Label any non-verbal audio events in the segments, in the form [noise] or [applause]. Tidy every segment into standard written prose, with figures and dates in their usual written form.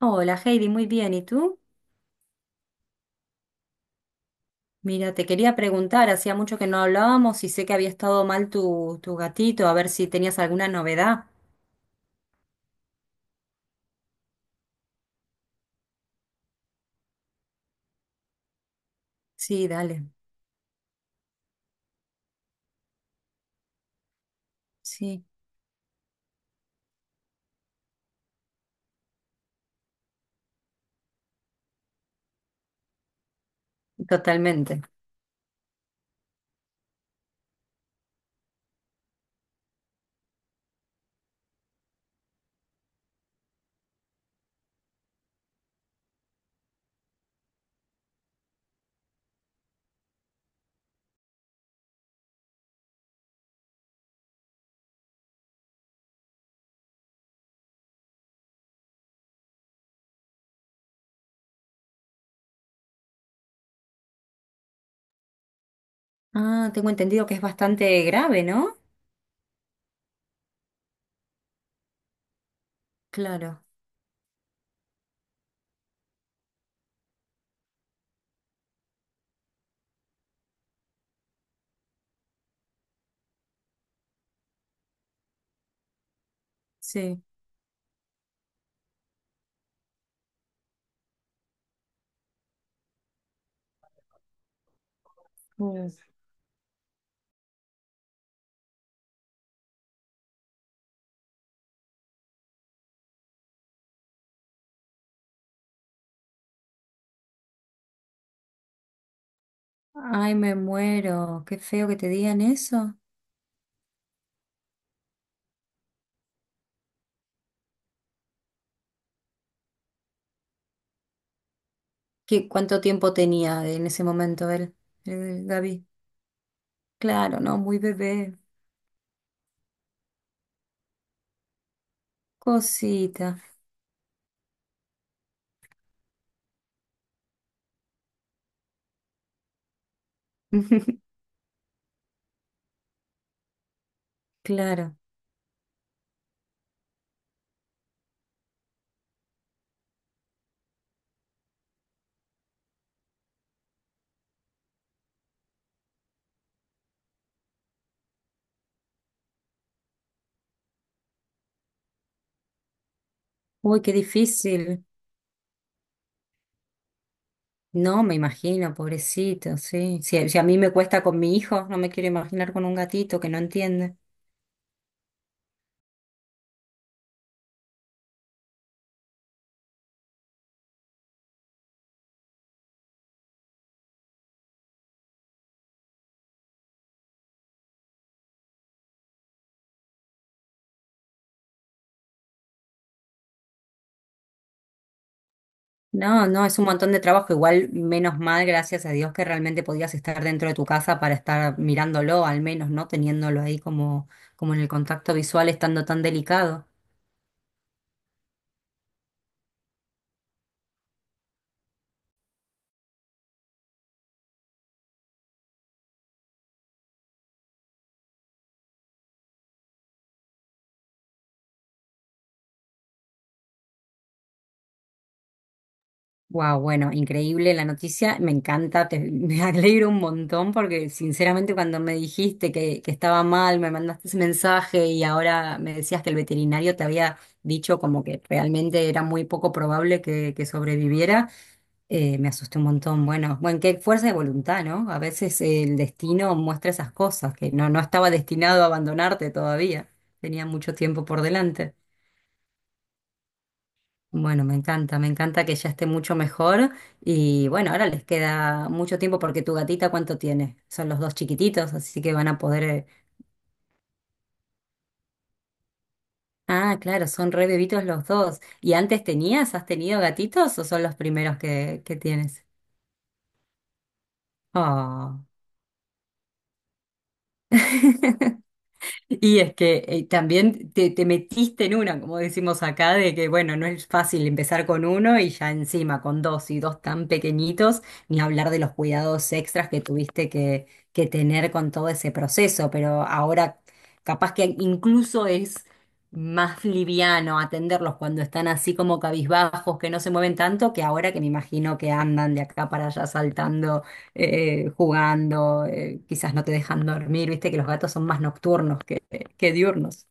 Hola Heidi, muy bien. ¿Y tú? Mira, te quería preguntar, hacía mucho que no hablábamos y sé que había estado mal tu gatito, a ver si tenías alguna novedad. Sí, dale. Sí, totalmente. Ah, tengo entendido que es bastante grave, ¿no? Claro, sí. Mm. Ay, me muero. Qué feo que te digan eso. ¿Cuánto tiempo tenía en ese momento el Gaby? Claro, no, muy bebé. Cosita. [laughs] Claro. Uy, qué difícil. No, me imagino, pobrecito, sí. Si, si a mí me cuesta con mi hijo, no me quiero imaginar con un gatito que no entiende. No, no, es un montón de trabajo. Igual, menos mal, gracias a Dios, que realmente podías estar dentro de tu casa para estar mirándolo, al menos, ¿no? Teniéndolo ahí como, como en el contacto visual, estando tan delicado. Wow, bueno, increíble la noticia, me encanta, [laughs] me alegro un montón porque sinceramente cuando me dijiste que estaba mal, me mandaste ese mensaje y ahora me decías que el veterinario te había dicho como que realmente era muy poco probable que sobreviviera, me asusté un montón. Bueno, bueno, qué fuerza de voluntad, ¿no? A veces el destino muestra esas cosas, que no, no estaba destinado a abandonarte todavía, tenía mucho tiempo por delante. Bueno, me encanta que ya esté mucho mejor y bueno, ahora les queda mucho tiempo porque tu gatita, ¿cuánto tiene? Son los dos chiquititos, así que van a poder... Ah, claro, son re bebitos los dos. ¿Y antes tenías, has tenido gatitos o son los primeros que tienes? Oh. [laughs] Y es que también te metiste en una, como decimos acá, de que bueno, no es fácil empezar con uno y ya encima con dos y dos tan pequeñitos, ni hablar de los cuidados extras que tuviste que tener con todo ese proceso, pero ahora capaz que incluso es más liviano atenderlos cuando están así como cabizbajos, que no se mueven tanto, que ahora que me imagino que andan de acá para allá saltando jugando, quizás no te dejan dormir, viste que los gatos son más nocturnos que diurnos.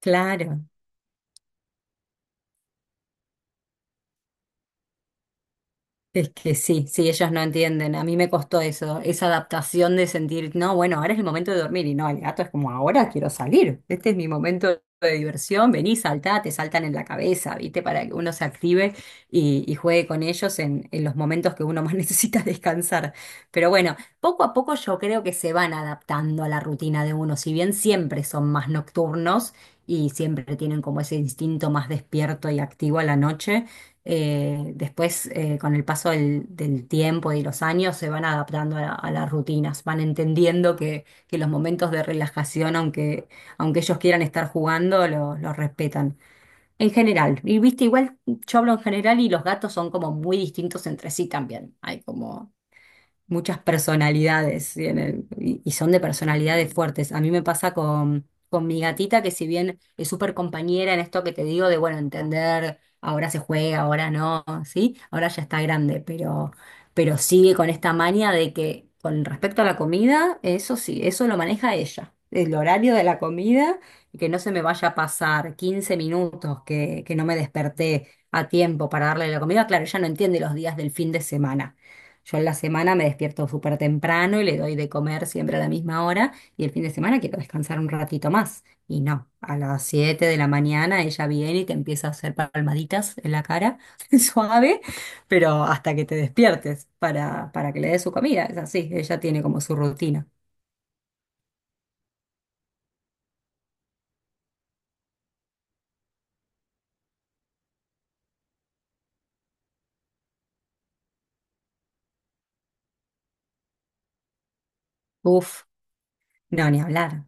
Claro. Es que sí, sí, ellos no entienden. A mí me costó eso, esa adaptación de sentir, no, bueno, ahora es el momento de dormir. Y no, el gato es como, ahora quiero salir. Este es mi momento de diversión. Vení, saltá, te saltan en la cabeza, ¿viste? Para que uno se active y juegue con ellos en los momentos que uno más [laughs] necesita descansar. Pero bueno, poco a poco yo creo que se van adaptando a la rutina de uno. Si bien siempre son más nocturnos y siempre tienen como ese instinto más despierto y activo a la noche después, con el paso del tiempo y los años, se van adaptando a las rutinas, van entendiendo que los momentos de relajación, aunque ellos quieran estar jugando, los respetan. En general, y viste, igual yo hablo en general y los gatos son como muy distintos entre sí también. Hay como muchas personalidades tienen y son de personalidades fuertes. A mí me pasa con mi gatita, que si bien es súper compañera en esto que te digo de, bueno, entender, ahora se juega, ahora no, ¿sí? Ahora ya está grande, pero sigue con esta manía de que con respecto a la comida, eso sí, eso lo maneja ella. El horario de la comida, que no se me vaya a pasar 15 minutos, que no me desperté a tiempo para darle la comida. Claro, ella no entiende los días del fin de semana yo en la semana me despierto súper temprano y le doy de comer siempre a la misma hora y el fin de semana quiero descansar un ratito más. Y no, a las 7 de la mañana ella viene y te empieza a hacer palmaditas en la cara, [laughs] suave, pero hasta que te despiertes para que le des su comida. Es así, ella tiene como su rutina. Uf, no, ni hablar.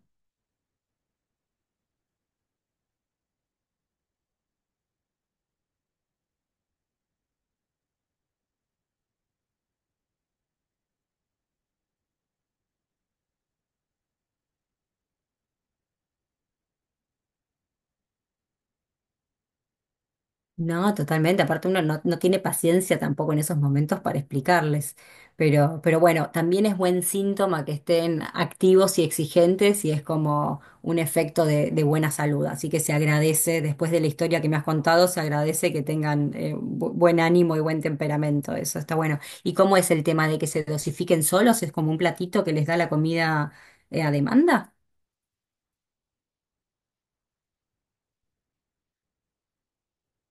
No, totalmente. Aparte uno no, no tiene paciencia tampoco en esos momentos para explicarles. Pero bueno, también es buen síntoma que estén activos y exigentes y es como un efecto de buena salud. Así que se agradece, después de la historia que me has contado, se agradece que tengan buen ánimo y buen temperamento. Eso está bueno. ¿Y cómo es el tema de que se dosifiquen solos? ¿Es como un platito que les da la comida a demanda?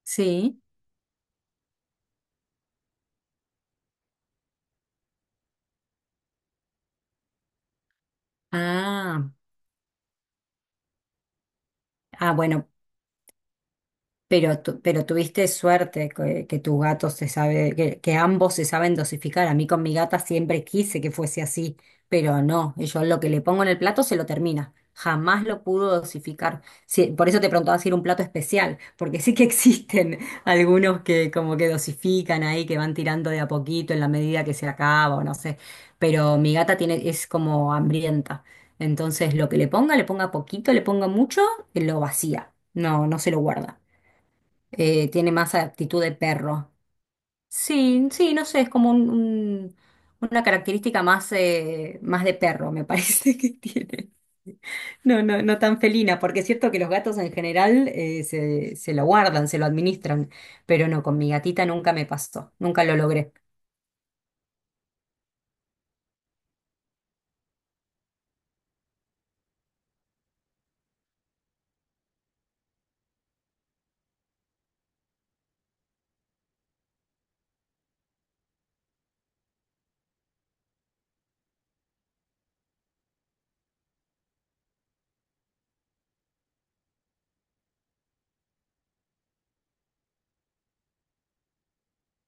Sí. Ah, ah, bueno. Pero tuviste suerte que tu gato se sabe, que ambos se saben dosificar. A mí con mi gata siempre quise que fuese así, pero no, yo lo que le pongo en el plato se lo termina. Jamás lo pudo dosificar. Sí, por eso te preguntaba si era un plato especial, porque sí que existen [laughs] algunos que como que dosifican ahí, que van tirando de a poquito en la medida que se acaba o no sé. Pero mi gata tiene, es como hambrienta. Entonces lo que le ponga poquito, le ponga mucho, lo vacía. No, no se lo guarda tiene más actitud de perro. Sí, sí, no sé, es como una característica más, más de perro, me parece [laughs] que tiene. No, no, no tan felina, porque es cierto que los gatos en general se lo guardan, se lo administran, pero no, con mi gatita nunca me pasó, nunca lo logré.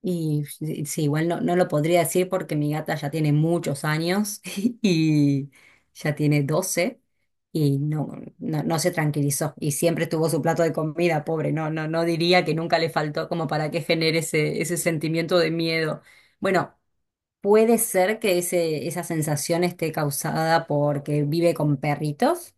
Y sí, sí, igual no, no lo podría decir porque mi gata ya tiene muchos años [laughs] y ya tiene 12 y no, no, no se tranquilizó y siempre tuvo su plato de comida, pobre, no, no, no diría que nunca le faltó como para que genere ese sentimiento de miedo. Bueno, puede ser que esa sensación esté causada porque vive con perritos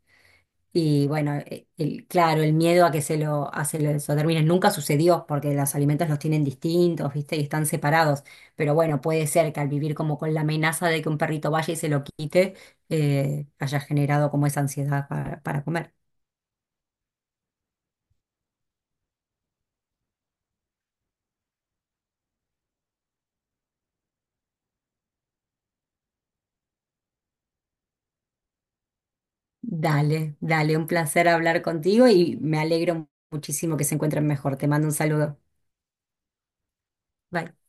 y bueno, claro, el miedo a que se lo, a se lo nunca sucedió porque los alimentos los tienen distintos, ¿viste? Y están separados. Pero bueno, puede ser que al vivir como con la amenaza de que un perrito vaya y se lo quite, haya generado como esa ansiedad para comer. Dale, dale, un placer hablar contigo y me alegro muchísimo que se encuentren mejor. Te mando un saludo. Bye.